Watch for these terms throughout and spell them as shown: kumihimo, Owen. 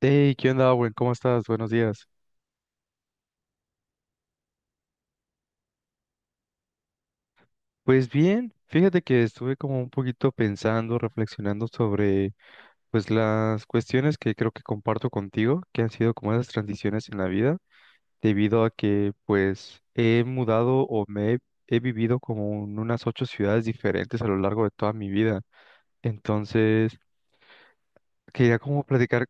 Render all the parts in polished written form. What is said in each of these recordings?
Hey, ¿qué onda, buen? ¿Cómo estás? Buenos días. Pues bien, fíjate que estuve como un poquito pensando, reflexionando sobre pues las cuestiones que creo que comparto contigo, que han sido como esas transiciones en la vida, debido a que pues he mudado o he vivido como en unas 8 ciudades diferentes a lo largo de toda mi vida. Entonces, quería como platicar,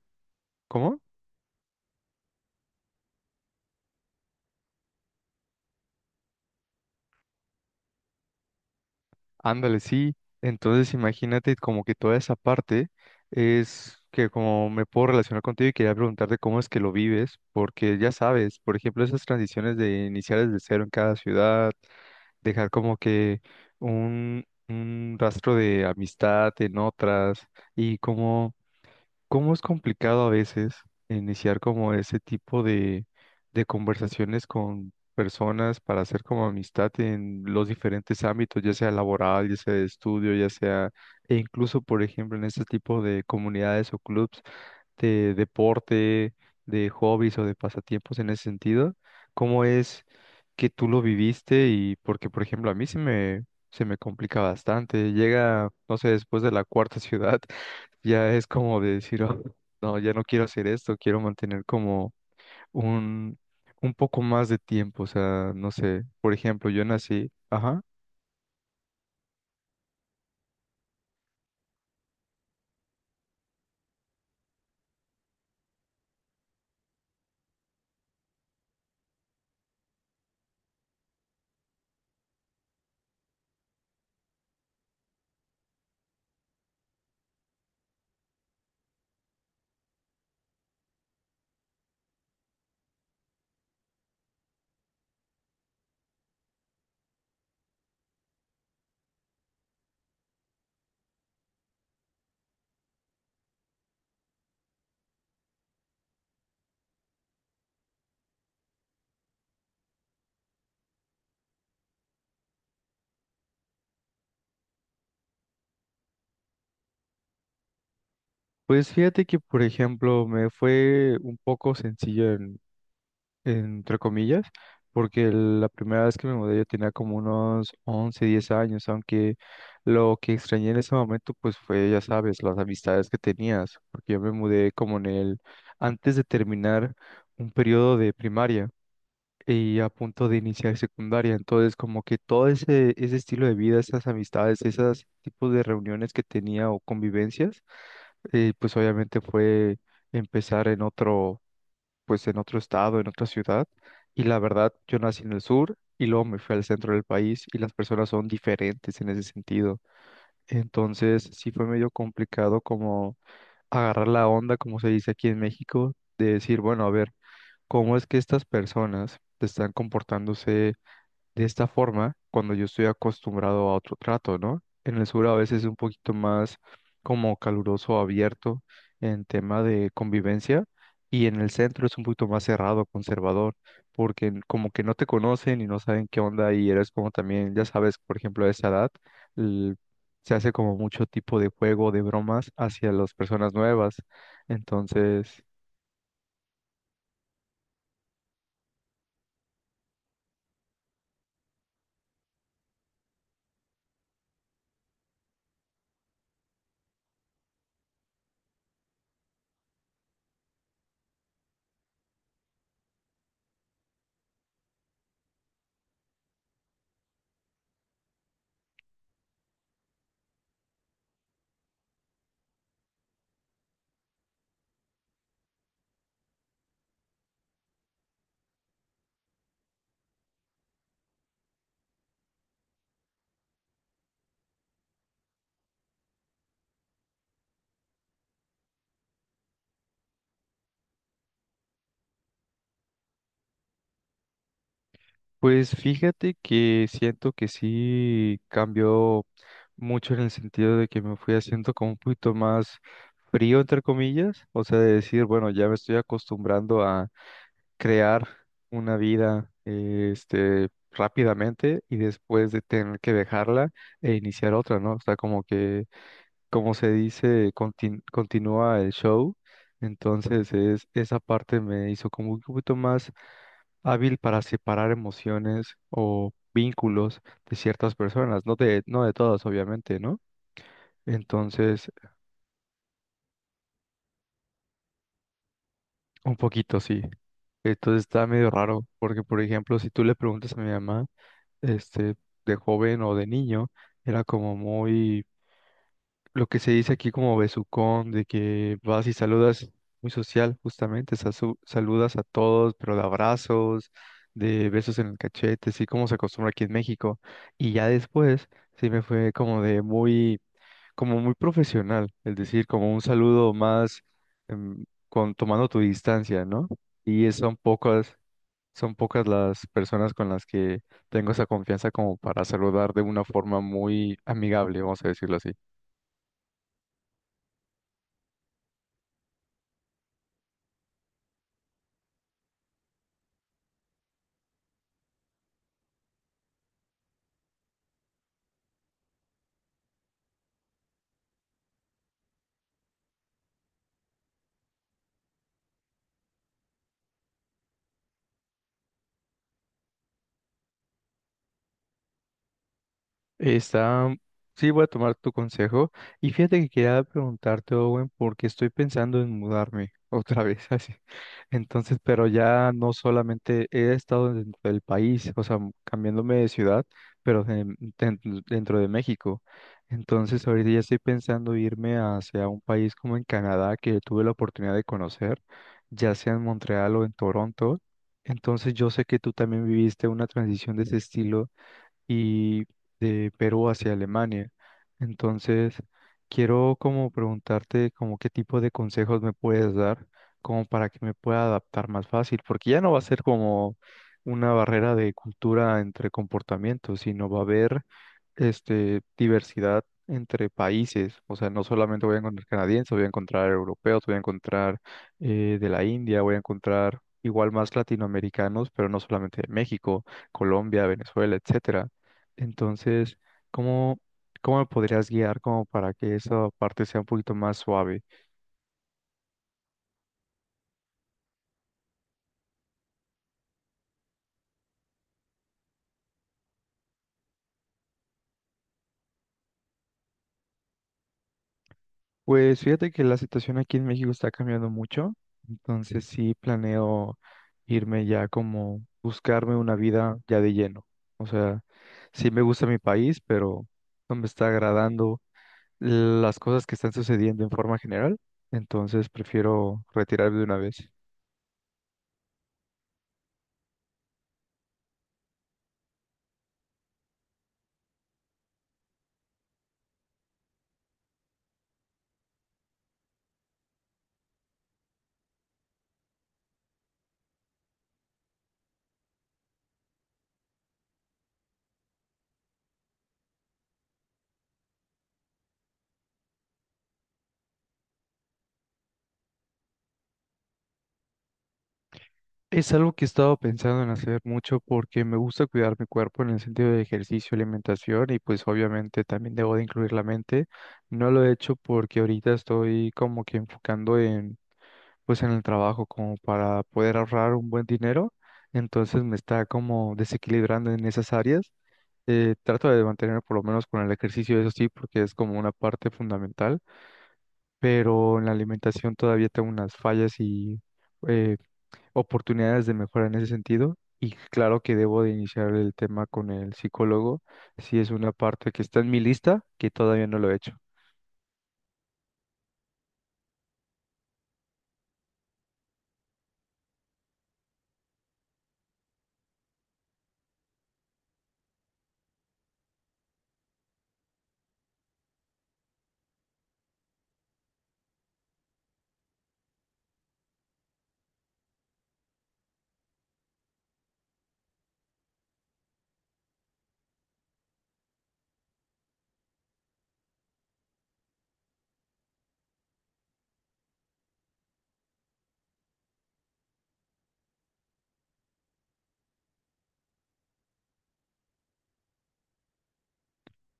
¿cómo? Ándale, sí. Entonces imagínate como que toda esa parte es que como me puedo relacionar contigo y quería preguntarte cómo es que lo vives, porque ya sabes, por ejemplo, esas transiciones de iniciar desde cero en cada ciudad, dejar como que un rastro de amistad en otras y como ¿cómo es complicado a veces iniciar como ese tipo de conversaciones con personas para hacer como amistad en los diferentes ámbitos, ya sea laboral, ya sea de estudio, ya sea, e incluso, por ejemplo, en este tipo de comunidades o clubs, de deporte, de hobbies o de pasatiempos en ese sentido? ¿Cómo es que tú lo viviste? Y porque, por ejemplo, a mí se me complica bastante. Llega, no sé, después de la cuarta ciudad, ya es como de decir, "Oh, no, ya no quiero hacer esto, quiero mantener como un, un poco más de tiempo". O sea, no sé, por ejemplo, yo nací, ajá. Pues fíjate que, por ejemplo, me fue un poco sencillo entre comillas, porque la primera vez que me mudé yo tenía como unos 11 10 años, aunque lo que extrañé en ese momento pues fue, ya sabes, las amistades que tenías, porque yo me mudé como antes de terminar un periodo de primaria y a punto de iniciar secundaria, entonces como que todo ese estilo de vida, esas amistades, esos tipos de reuniones que tenía o convivencias, pues obviamente fue empezar en otro pues en otro estado, en otra ciudad, y la verdad, yo nací en el sur y luego me fui al centro del país y las personas son diferentes en ese sentido. Entonces, sí fue medio complicado como agarrar la onda, como se dice aquí en México, de decir, bueno, a ver, ¿cómo es que estas personas están comportándose? De esta forma, cuando yo estoy acostumbrado a otro trato, ¿no? En el sur a veces es un poquito más como caluroso, abierto en tema de convivencia y en el centro es un poquito más cerrado, conservador, porque como que no te conocen y no saben qué onda y eres como también, ya sabes, por ejemplo, a esa edad l- se hace como mucho tipo de juego, de bromas hacia las personas nuevas. Entonces... Pues fíjate que siento que sí cambió mucho en el sentido de que me fui haciendo como un poquito más frío, entre comillas, o sea, de decir, bueno, ya me estoy acostumbrando a crear una vida, rápidamente y después de tener que dejarla e iniciar otra, ¿no? O sea, como que, como se dice, continúa el show, entonces es, esa parte me hizo como un poquito más hábil para separar emociones o vínculos de ciertas personas, no no de todas, obviamente, ¿no? Entonces, un poquito sí. Entonces está medio raro, porque por ejemplo, si tú le preguntas a mi mamá, este, de joven o de niño, era como muy lo que se dice aquí como besucón, de que vas y saludas muy social, justamente, saludas a todos, pero de abrazos, de besos en el cachete, así como se acostumbra aquí en México. Y ya después, sí me fue como de muy, como muy profesional, es decir, como un saludo más em, con, tomando tu distancia, ¿no? Son pocas, son pocas las personas con las que tengo esa confianza como para saludar de una forma muy amigable, vamos a decirlo así. Está, sí, voy a tomar tu consejo. Y fíjate que quería preguntarte, Owen, porque estoy pensando en mudarme otra vez, así. Entonces, pero ya no solamente he estado dentro del país, o sea, cambiándome de ciudad, pero den- dentro de México. Entonces, ahorita ya estoy pensando irme hacia un país como en Canadá, que tuve la oportunidad de conocer, ya sea en Montreal o en Toronto. Entonces, yo sé que tú también viviste una transición de ese estilo y de Perú hacia Alemania. Entonces, quiero como preguntarte como qué tipo de consejos me puedes dar como para que me pueda adaptar más fácil, porque ya no va a ser como una barrera de cultura entre comportamientos, sino va a haber este, diversidad entre países. O sea, no solamente voy a encontrar canadienses, voy a encontrar europeos, voy a encontrar de la India, voy a encontrar igual más latinoamericanos, pero no solamente de México, Colombia, Venezuela, etcétera. Entonces, ¿cómo, ¿cómo me podrías guiar como para que esa parte sea un poquito más suave? Pues fíjate que la situación aquí en México está cambiando mucho, entonces sí planeo irme ya como buscarme una vida ya de lleno. O sea, sí me gusta mi país, pero no me está agradando las cosas que están sucediendo en forma general, entonces prefiero retirarme de una vez. Es algo que he estado pensando en hacer mucho porque me gusta cuidar mi cuerpo en el sentido de ejercicio, alimentación y pues obviamente también debo de incluir la mente. No lo he hecho porque ahorita estoy como que enfocando en pues en el trabajo como para poder ahorrar un buen dinero, entonces me está como desequilibrando en esas áreas. Trato de mantenerme por lo menos con el ejercicio, eso sí, porque es como una parte fundamental, pero en la alimentación todavía tengo unas fallas y... eh, oportunidades de mejora en ese sentido. Y claro que debo de iniciar el tema con el psicólogo, si es una parte que está en mi lista, que todavía no lo he hecho.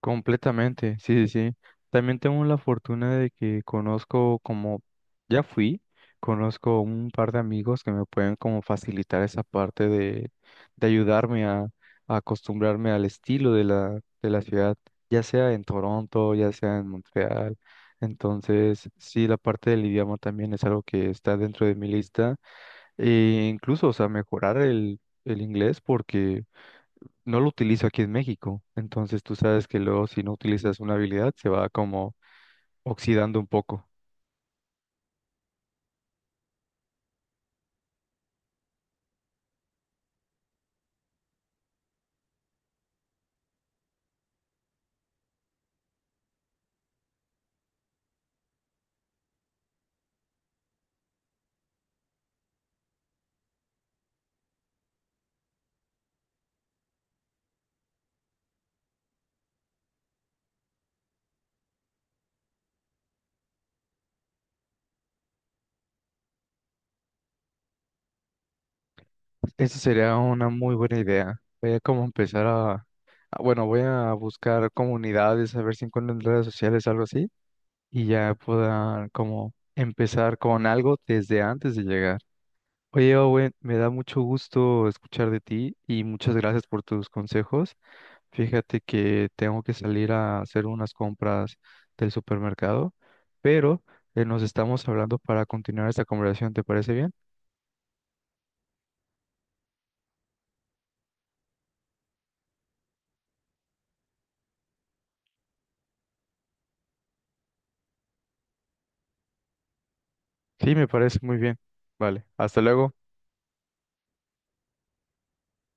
Completamente, sí, sí, sí. También tengo la fortuna de que conozco como, ya fui, conozco un par de amigos que me pueden como facilitar esa parte de ayudarme a acostumbrarme al estilo de de la ciudad, ya sea en Toronto, ya sea en Montreal. Entonces, sí, la parte del idioma también es algo que está dentro de mi lista. E incluso, o sea, mejorar el inglés porque no lo utilizo aquí en México. Entonces tú sabes que luego si no utilizas una habilidad se va como oxidando un poco. Esa sería una muy buena idea. Voy a como empezar a, bueno, voy a buscar comunidades, a ver si encuentro en redes sociales algo así y ya pueda como empezar con algo desde antes de llegar. Oye, Owen, me da mucho gusto escuchar de ti y muchas gracias por tus consejos. Fíjate que tengo que salir a hacer unas compras del supermercado, pero nos estamos hablando para continuar esta conversación. ¿Te parece bien? Sí, me parece muy bien. Vale, hasta luego.